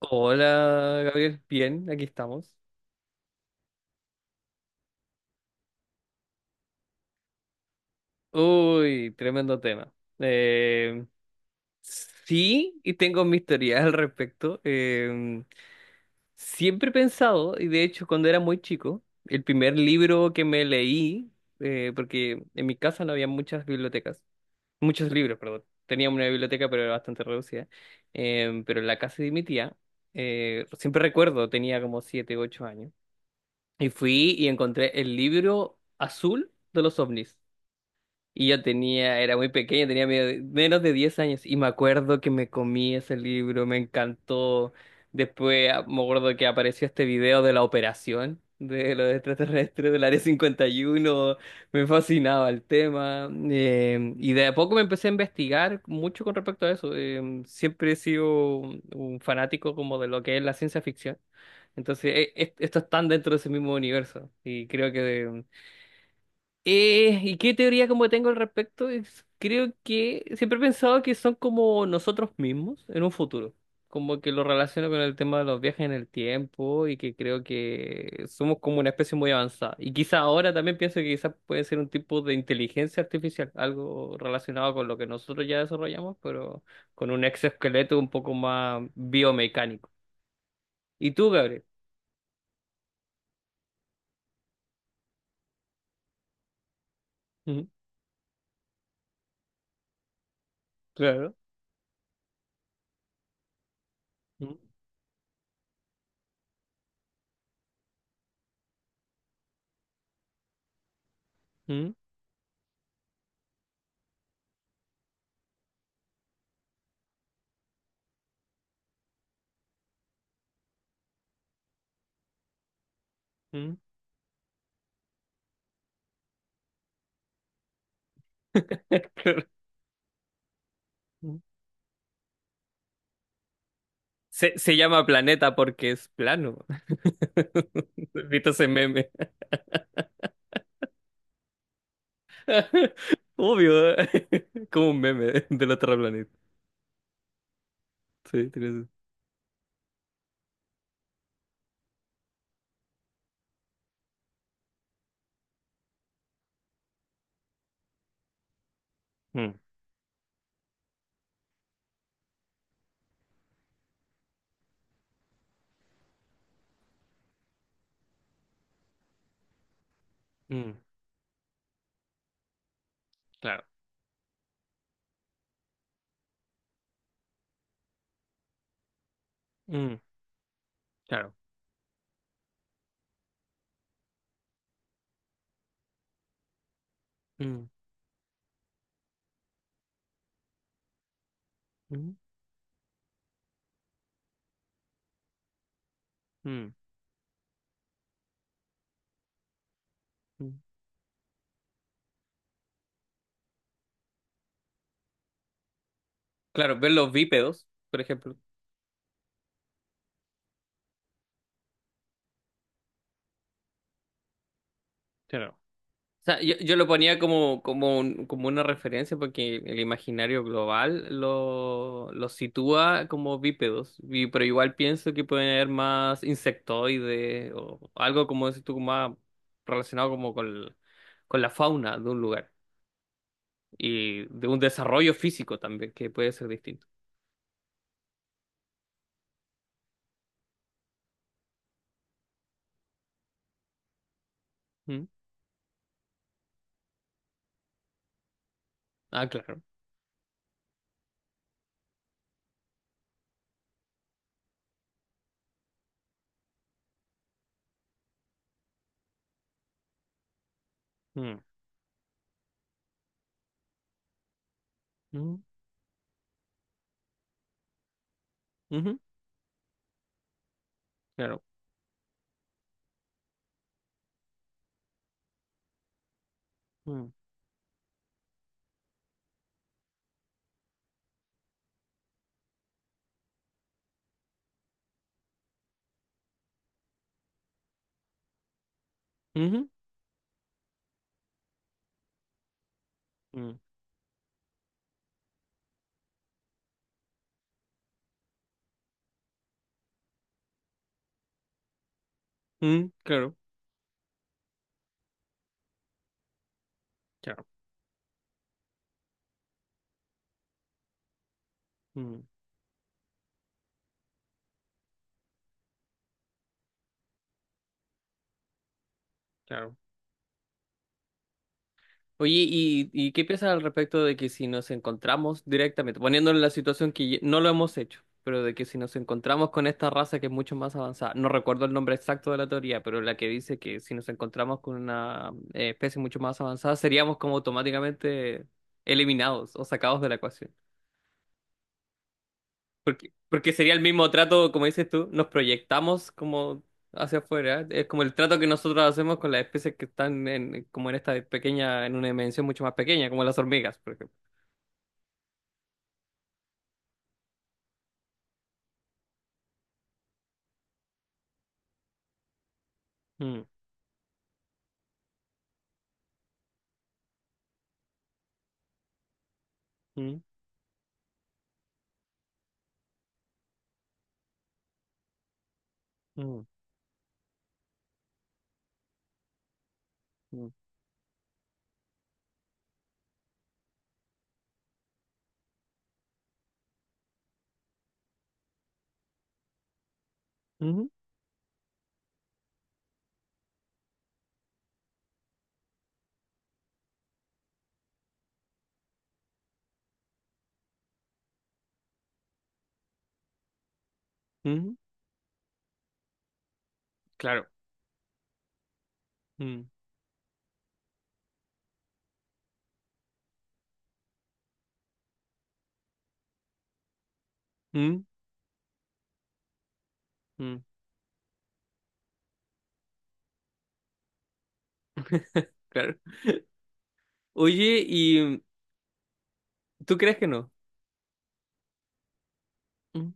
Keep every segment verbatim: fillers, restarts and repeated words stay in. Hola, Gabriel. Bien, aquí estamos. Uy, tremendo tema. Eh, sí, y tengo mis teorías al respecto. Eh, siempre he pensado, y de hecho cuando era muy chico, el primer libro que me leí, eh, porque en mi casa no había muchas bibliotecas, muchos libros, perdón. Tenía una biblioteca, pero era bastante reducida. Eh, pero en la casa de mi tía, eh, siempre recuerdo, tenía como siete, ocho años. Y fui y encontré el libro azul de los ovnis. Y yo tenía, era muy pequeño, tenía medio- menos de diez años. Y me acuerdo que me comí ese libro, me encantó. Después ah, me acuerdo que apareció este video de la operación de los extraterrestres del Área cincuenta y uno. Me fascinaba el tema. Em, y de a poco me empecé a investigar mucho con respecto a eso. Em, siempre he sido un, un fanático como de lo que es la ciencia ficción. Entonces, e- est- estos están dentro de ese mismo universo. Y creo que em, eh, ¿y qué teoría como tengo al respecto? Es- creo que siempre he pensado que son como nosotros mismos en un futuro. Como que lo relaciono con el tema de los viajes en el tiempo y que creo que somos como una especie muy avanzada. Y quizá ahora también pienso que quizás puede ser un tipo de inteligencia artificial, algo relacionado con lo que nosotros ya desarrollamos, pero con un exoesqueleto un poco más biomecánico. ¿Y tú, Gabriel? Ujú. Claro. Ujú, ujú, ujú. Claro. Se, se llama planeta porque es plano. ¿Viste ese meme? Obvio, ¿eh? Como un meme del otro planeta. Sí, tienes... Mm, mm, claro. Mm, claro. Mm, mm, mm, mm. Claro, ver los bípedos, por ejemplo. Claro. sea, yo, yo lo ponía como, como, un- como una referencia porque el imaginario global lo, lo sitúa como bípedos, y- pero igual pienso que pueden haber más insectoides o algo como decís tú, más relacionado como con, el- con la fauna de un lugar y de un desarrollo físico también que puede ser distinto. ¿Mm? Ah, claro. Mm, mm, ujú, claro. Mm, ujú, mm, mm, claro. Claro. Mm, claro. Oye, ¿y, y qué piensas al respecto de que si nos encontramos directamente, poniéndonos en la situación que ye- no lo hemos hecho, pero de que si nos encontramos con esta raza que es mucho más avanzada, no recuerdo el nombre exacto de la teoría, pero la que dice que si nos encontramos con una eh, especie mucho más avanzada, seríamos como automáticamente eliminados o sacados de la ecuación? Porque, porque sería el mismo trato, como dices tú, nos proyectamos como hacia afuera, es como el trato que nosotros hacemos con las especies que están en, como en esta pequeña, en una dimensión mucho más pequeña, como las hormigas, por ejemplo. Mm, mm, mm, mm, mm, mm. Claro. Mm, mm, mm. Claro. Oye, ¿y tú crees que no? Mm.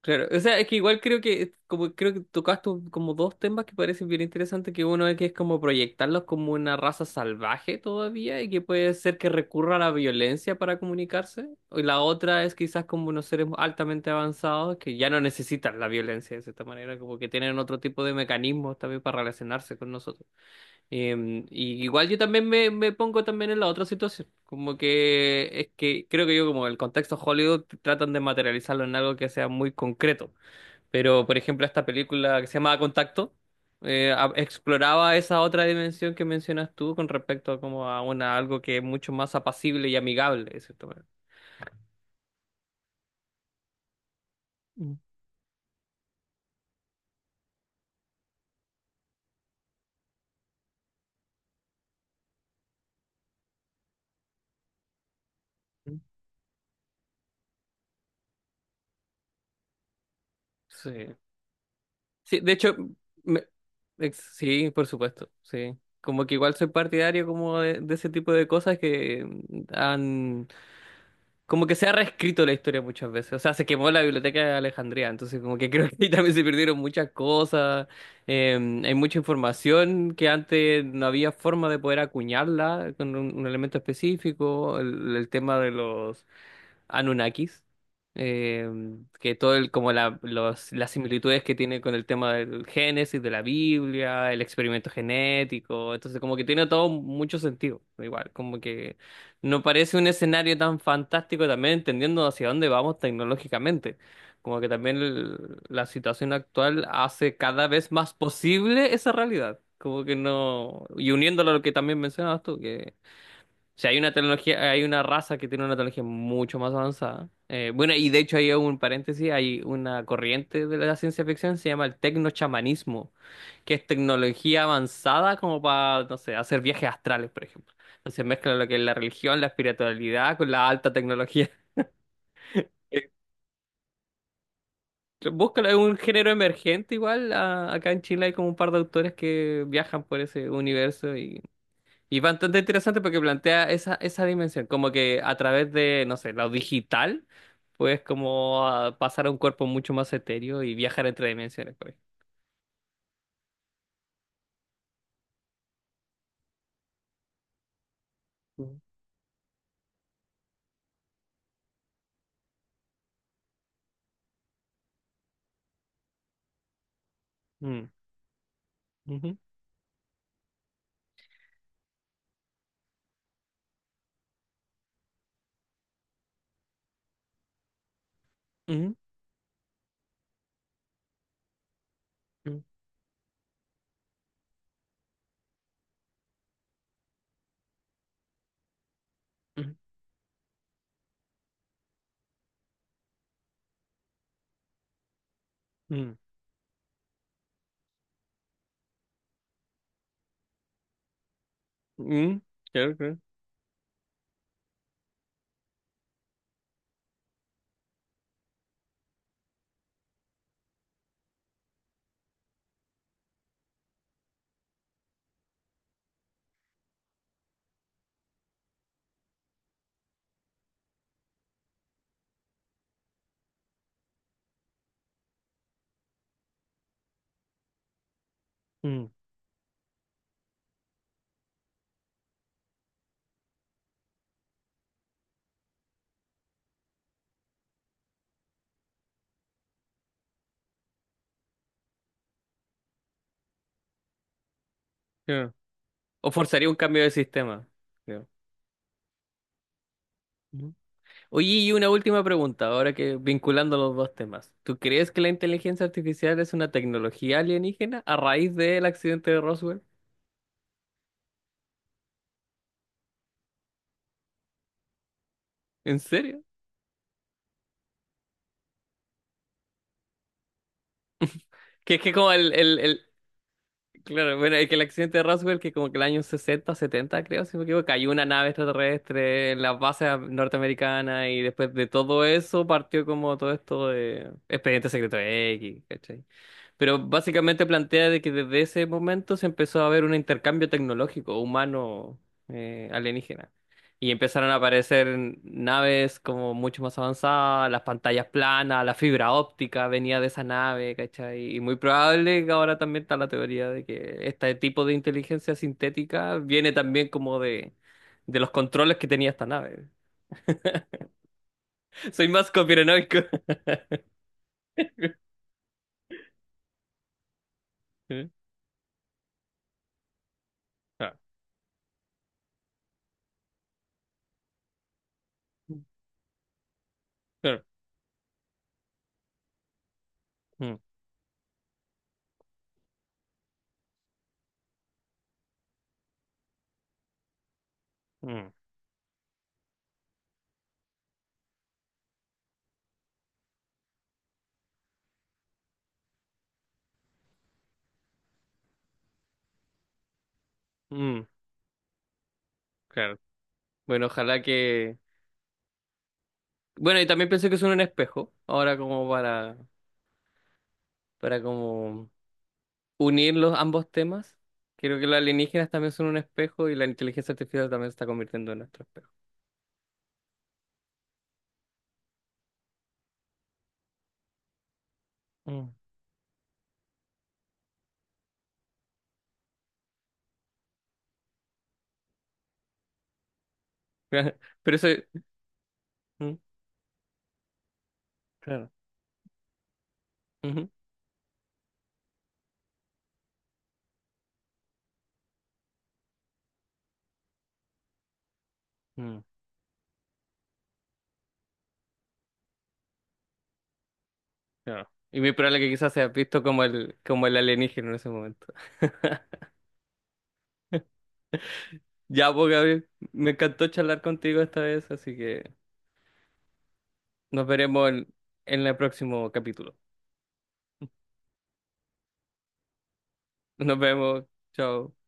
Claro. O sea, es que igual creo que como creo que tocaste como dos temas que parecen bien interesantes, que uno es que es como proyectarlos como una raza salvaje todavía y que puede ser que recurra a la violencia para comunicarse. Y la otra es quizás como unos seres altamente avanzados que ya no necesitan la violencia de cierta manera, como que tienen otro tipo de mecanismos también para relacionarse con nosotros. Em, y igual yo también me, me pongo también en la otra situación, como que es que creo que yo como el contexto Hollywood tratan de materializarlo en algo que sea muy concreto, pero por ejemplo esta película que se llama Contacto eh, a- exploraba esa otra dimensión que mencionas tú con respecto a como a una algo que es mucho más apacible y amigable, de cierta manera. Mm. Sí. Sí, de hecho, me- ex- sí, por supuesto, sí. Como que igual soy partidario como de, de ese tipo de cosas que han... Como que se ha reescrito la historia muchas veces. O sea, se quemó la biblioteca de Alejandría, entonces como que creo que ahí también se perdieron muchas cosas. eh, Hay mucha información que antes no había forma de poder acuñarla con un, un elemento específico. El, el tema de los... Anunnakis, eh, que todo el, como la, los, las similitudes que tiene con el tema del Génesis, de la Biblia, el experimento genético, entonces como que tiene todo mucho sentido, igual, como que no parece un escenario tan fantástico también entendiendo hacia dónde vamos tecnológicamente, como que también el- la situación actual hace cada vez más posible esa realidad. Como que no, y uniéndolo a lo que también mencionabas tú, o sea, hay una tecnología, hay una raza que tiene una tecnología mucho más avanzada. Eh, bueno, y de hecho hay un paréntesis, hay una corriente de la ciencia ficción, se llama el tecnochamanismo, que es tecnología avanzada como para, no sé, hacer viajes astrales, por ejemplo. Entonces mezcla lo que es la religión, la espiritualidad con la alta tecnología. Eh, Búscalo, es un género emergente igual. a- acá en Chile hay como un par de autores que viajan por ese universo y Y bastante interesante porque plantea esa, esa dimensión, como que a través de, no sé, lo digital, puedes como ah, pasar a un cuerpo mucho más etéreo y viajar entre dimensiones, por ejemplo. Mm, ujú, ujú, ujú, ujú, mm, mm, creo que- mm, creo. O forzaría un cambio de sistema, creo. Ujú. Oye, y una última pregunta, ahora que vinculando los dos temas. ¿Tú crees que la inteligencia artificial es una tecnología alienígena a raíz del accidente de Roswell? ¿En serio? Que es que como el, el, el- claro, bueno, es que el accidente de Roswell, que como que el año sesenta setenta creo, si no me equivoco, cayó una nave extraterrestre en las bases norteamericanas y después de todo eso partió como todo esto de Expediente Secreto X, ¿cachai? Pero básicamente plantea de que desde ese momento se empezó a ver un intercambio tecnológico humano eh, alienígena. Y empezaron a aparecer naves como mucho más avanzadas, las pantallas planas, la fibra óptica venía de esa nave, ¿cachai? Y muy probable que ahora también está la teoría de que este tipo de inteligencia sintética viene también como de, de los controles que tenía esta nave. Soy más conspiranoico. Ah, claro. Mm, mm, mm, mm, claro. Bueno, ojalá que bueno, y también pensé que son un espejo, ahora como para, para como unir los ambos temas. Creo que los alienígenas también son un espejo y la inteligencia artificial también se está convirtiendo en nuestro espejo. Mm. Pero eso... Mm. Claro. Ujú. Mm. Claro. Y muy probable que quizás seas visto como el, como el alienígena en ese momento. Ya, pues, Gabriel, me encantó charlar contigo esta vez, así que nos veremos en, en el próximo capítulo. Nos vemos. Chao.